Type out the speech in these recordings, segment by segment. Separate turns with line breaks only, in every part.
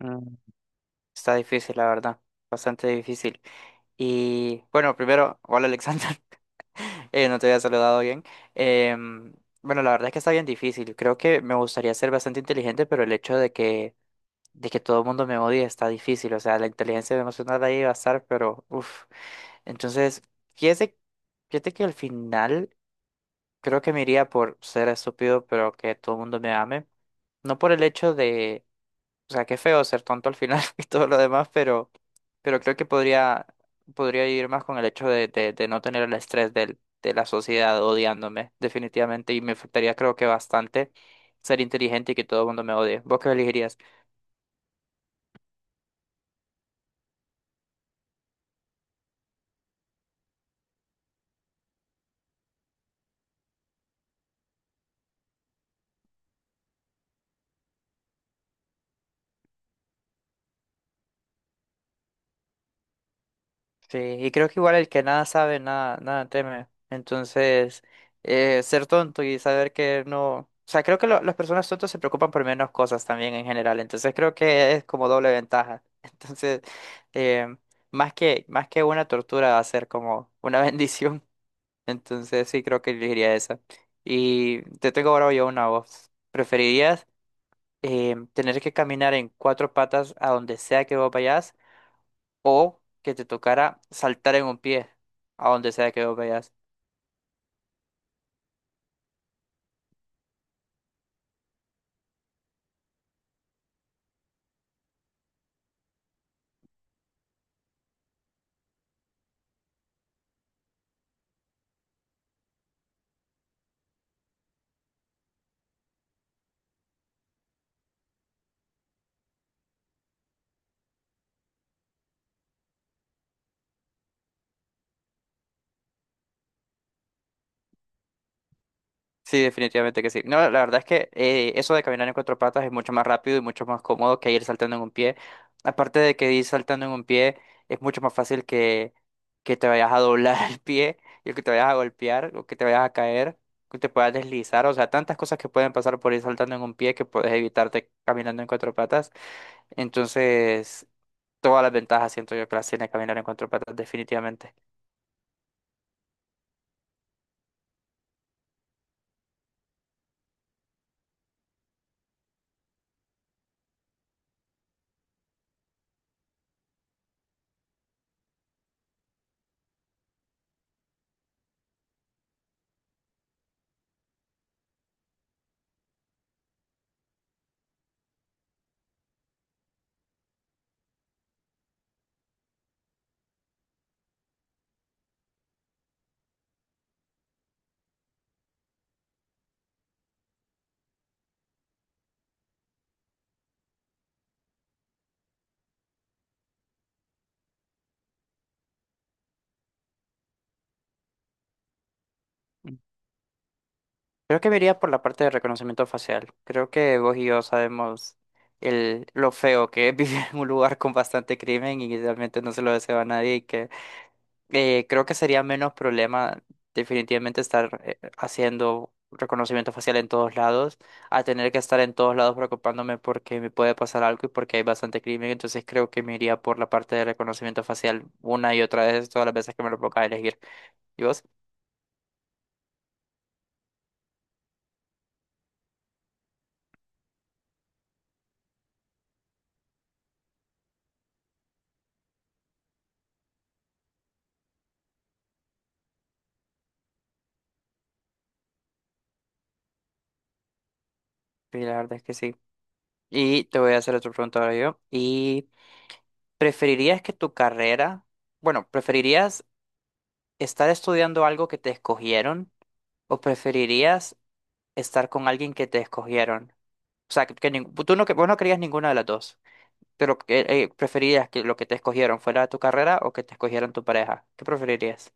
Mm, está difícil, la verdad. Bastante difícil. Y bueno, primero, hola Alexander. No te había saludado bien. Em, bueno, la verdad es que está bien difícil. Creo que me gustaría ser bastante inteligente, pero el hecho de que todo el mundo me odie está difícil. O sea, la inteligencia emocional ahí va a estar, pero uff. Entonces, fíjate, fíjate que al final creo que me iría por ser estúpido, pero que todo el mundo me ame. No por el hecho, o sea, qué feo ser tonto al final y todo lo demás, pero creo que podría ir más con el hecho de no tener el estrés de la sociedad odiándome, definitivamente, y me afectaría creo que bastante ser inteligente y que todo el mundo me odie. ¿Vos qué elegirías? Sí, y creo que igual el que nada sabe, nada teme. Entonces, ser tonto y saber que no... O sea, creo que las personas tontas se preocupan por menos cosas también en general. Entonces, creo que es como doble ventaja. Entonces, eh, más que una tortura va a ser como una bendición. Entonces, sí, creo que elegiría esa. Y te tengo ahora yo una voz. ¿Preferirías tener que caminar en cuatro patas a donde sea que vos vayas, o que te tocara saltar en un pie a donde sea que vos vayas? Sí, definitivamente que sí. No, la verdad es que eso de caminar en cuatro patas es mucho más rápido y mucho más cómodo que ir saltando en un pie. Aparte de que ir saltando en un pie es mucho más fácil que te vayas a doblar el pie y que te vayas a golpear o que te vayas a caer, que te puedas deslizar. O sea, tantas cosas que pueden pasar por ir saltando en un pie que puedes evitarte caminando en cuatro patas. Entonces, todas las ventajas siento yo que las tiene caminar en cuatro patas, definitivamente. Creo que me iría por la parte de reconocimiento facial. Creo que vos y yo sabemos lo feo que es vivir en un lugar con bastante crimen y realmente no se lo deseo a nadie y que creo que sería menos problema definitivamente estar haciendo reconocimiento facial en todos lados, a tener que estar en todos lados preocupándome porque me puede pasar algo y porque hay bastante crimen. Entonces creo que me iría por la parte de reconocimiento facial una y otra vez todas las veces que me lo ponga a elegir. ¿Y vos? Sí, la verdad es que sí. Y te voy a hacer otra pregunta ahora yo. Y ¿preferirías que tu preferirías estar estudiando algo que te escogieron, o preferirías estar con alguien que te escogieron? O sea, que vos no querías ninguna de las dos, pero que, preferirías que lo que te escogieron fuera tu carrera, o que te escogieran tu pareja. ¿Qué preferirías?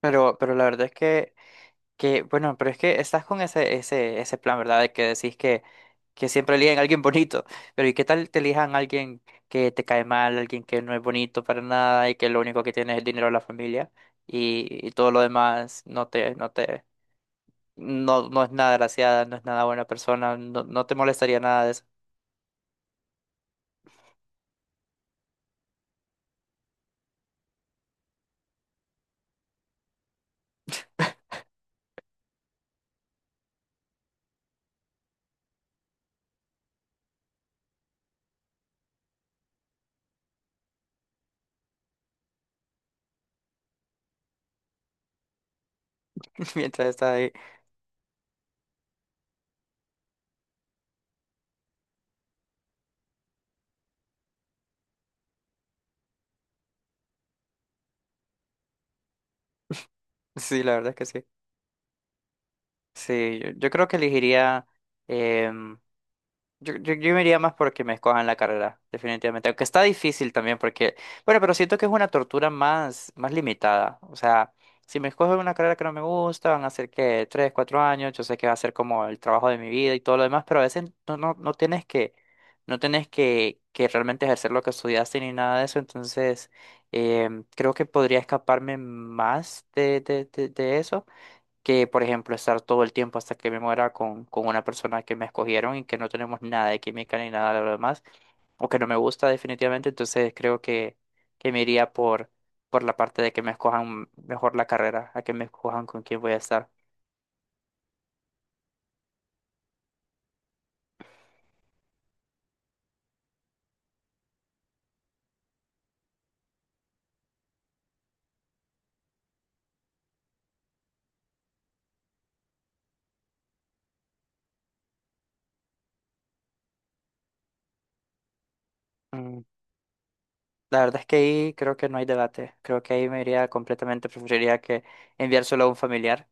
Pero la verdad es Que, bueno, pero es que estás con ese plan, ¿verdad? De que decís que siempre eligen a alguien bonito. Pero ¿y qué tal te elijan a alguien que te cae mal, alguien que no es bonito para nada y que lo único que tiene es el dinero de la familia, y todo lo demás, no es nada graciada, no es nada buena persona, no te molestaría nada de eso mientras estás ahí? Sí, la verdad es que sí. Sí, yo creo que elegiría em, yo me iría más porque me escojan la carrera, definitivamente. Aunque está difícil también porque, bueno, pero siento que es una tortura más limitada. O sea, si me escogen una carrera que no me gusta, van a ser que tres, cuatro años, yo sé que va a ser como el trabajo de mi vida y todo lo demás, pero a veces no tienes no tienes que realmente ejercer lo que estudiaste ni nada de eso. Entonces, creo que podría escaparme más de eso que, por ejemplo, estar todo el tiempo hasta que me muera con una persona que me escogieron y que no tenemos nada de química ni nada de lo demás, o que no me gusta definitivamente. Entonces creo que me iría por la parte de que me escojan mejor la carrera, a que me escojan con quién voy a estar. Mm, la verdad es que ahí creo que no hay debate, creo que ahí me iría completamente, preferiría que enviárselo a un familiar,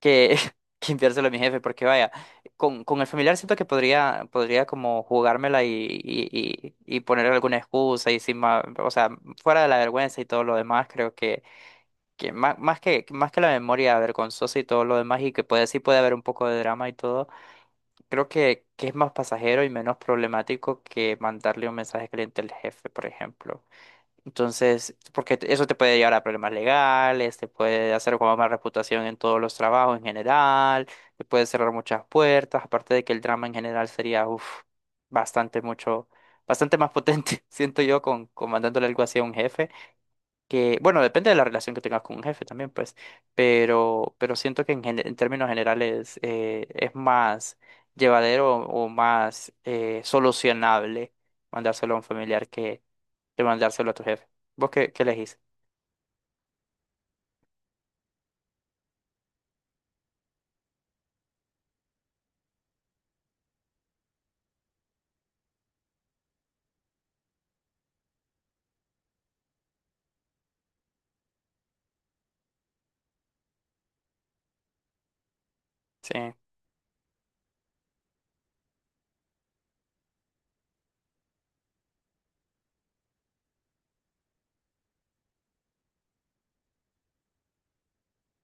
que, que enviárselo a mi jefe, porque vaya, con el familiar siento que podría como jugármela y, y ponerle alguna excusa y sin ma- o sea, fuera de la vergüenza y todo lo demás, creo que más que la memoria vergonzosa y todo lo demás, y que puede, sí puede haber un poco de drama y todo, creo que es más pasajero y menos problemático que mandarle un mensaje caliente al jefe, por ejemplo. Entonces, porque eso te puede llevar a problemas legales, te puede hacer como más reputación en todos los trabajos en general, te puede cerrar muchas puertas, aparte de que el drama en general sería, uff, bastante mucho, bastante más potente, siento yo, con mandándole algo así a un jefe, que, bueno, depende de la relación que tengas con un jefe también, pues, pero siento que en términos generales es más llevadero o más solucionable mandárselo a un familiar, de mandárselo a tu jefe. ¿Vos qué, qué elegís? Sí,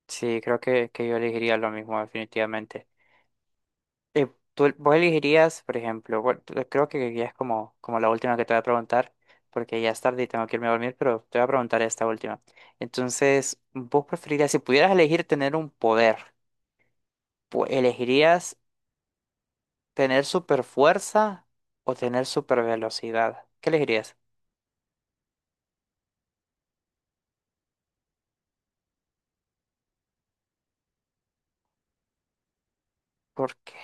sí, creo que yo elegiría lo mismo, definitivamente. Eh, vos elegirías, por ejemplo, bueno, creo que ya es como, como la última que te voy a preguntar, porque ya es tarde y tengo que irme a dormir, pero te voy a preguntar esta última. Entonces, ¿vos preferirías, si pudieras elegir tener un poder, elegirías tener super fuerza o tener super velocidad? ¿Qué elegirías? ¿Por qué?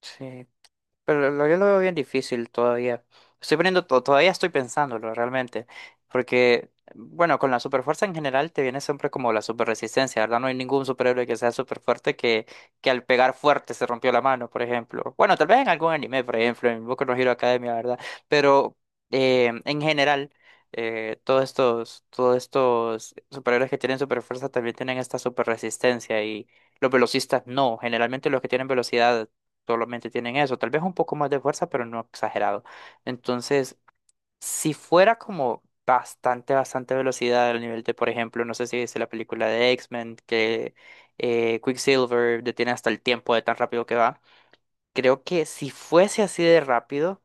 Sí. Pero yo lo veo bien difícil todavía. Estoy poniendo, todavía estoy pensándolo realmente. Porque, bueno, con la superfuerza en general te viene siempre como la superresistencia, ¿verdad? No hay ningún superhéroe que sea super fuerte que al pegar fuerte se rompió la mano, por ejemplo. Bueno, tal vez en algún anime, por ejemplo, en Boku no Hero Academia, ¿verdad? Pero en general, todos estos superhéroes que tienen superfuerza también tienen esta superresistencia, y los velocistas no. Generalmente los que tienen velocidad solamente tienen eso, tal vez un poco más de fuerza, pero no exagerado. Entonces, si fuera como bastante velocidad al nivel de, por ejemplo, no sé si viste la película de X-Men, que Quicksilver detiene hasta el tiempo de tan rápido que va, creo que si fuese así de rápido,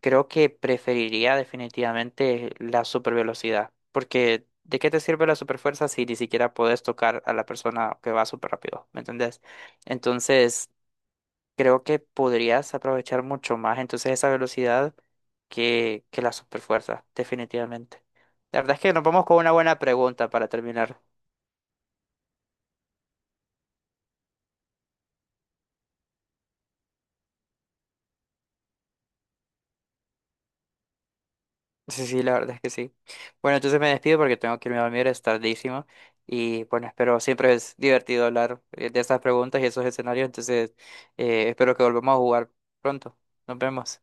creo que preferiría definitivamente la supervelocidad, porque... ¿De qué te sirve la superfuerza si ni siquiera podés tocar a la persona que va súper rápido? ¿Me entendés? Entonces, creo que podrías aprovechar mucho más entonces esa velocidad que la superfuerza, definitivamente. La verdad es que nos vamos con una buena pregunta para terminar. Sí, sí, la verdad es que sí. Bueno, entonces me despido porque tengo que irme a dormir, es tardísimo. Y bueno, espero, siempre es divertido hablar de estas preguntas y esos escenarios. Entonces, espero que volvamos a jugar pronto. Nos vemos.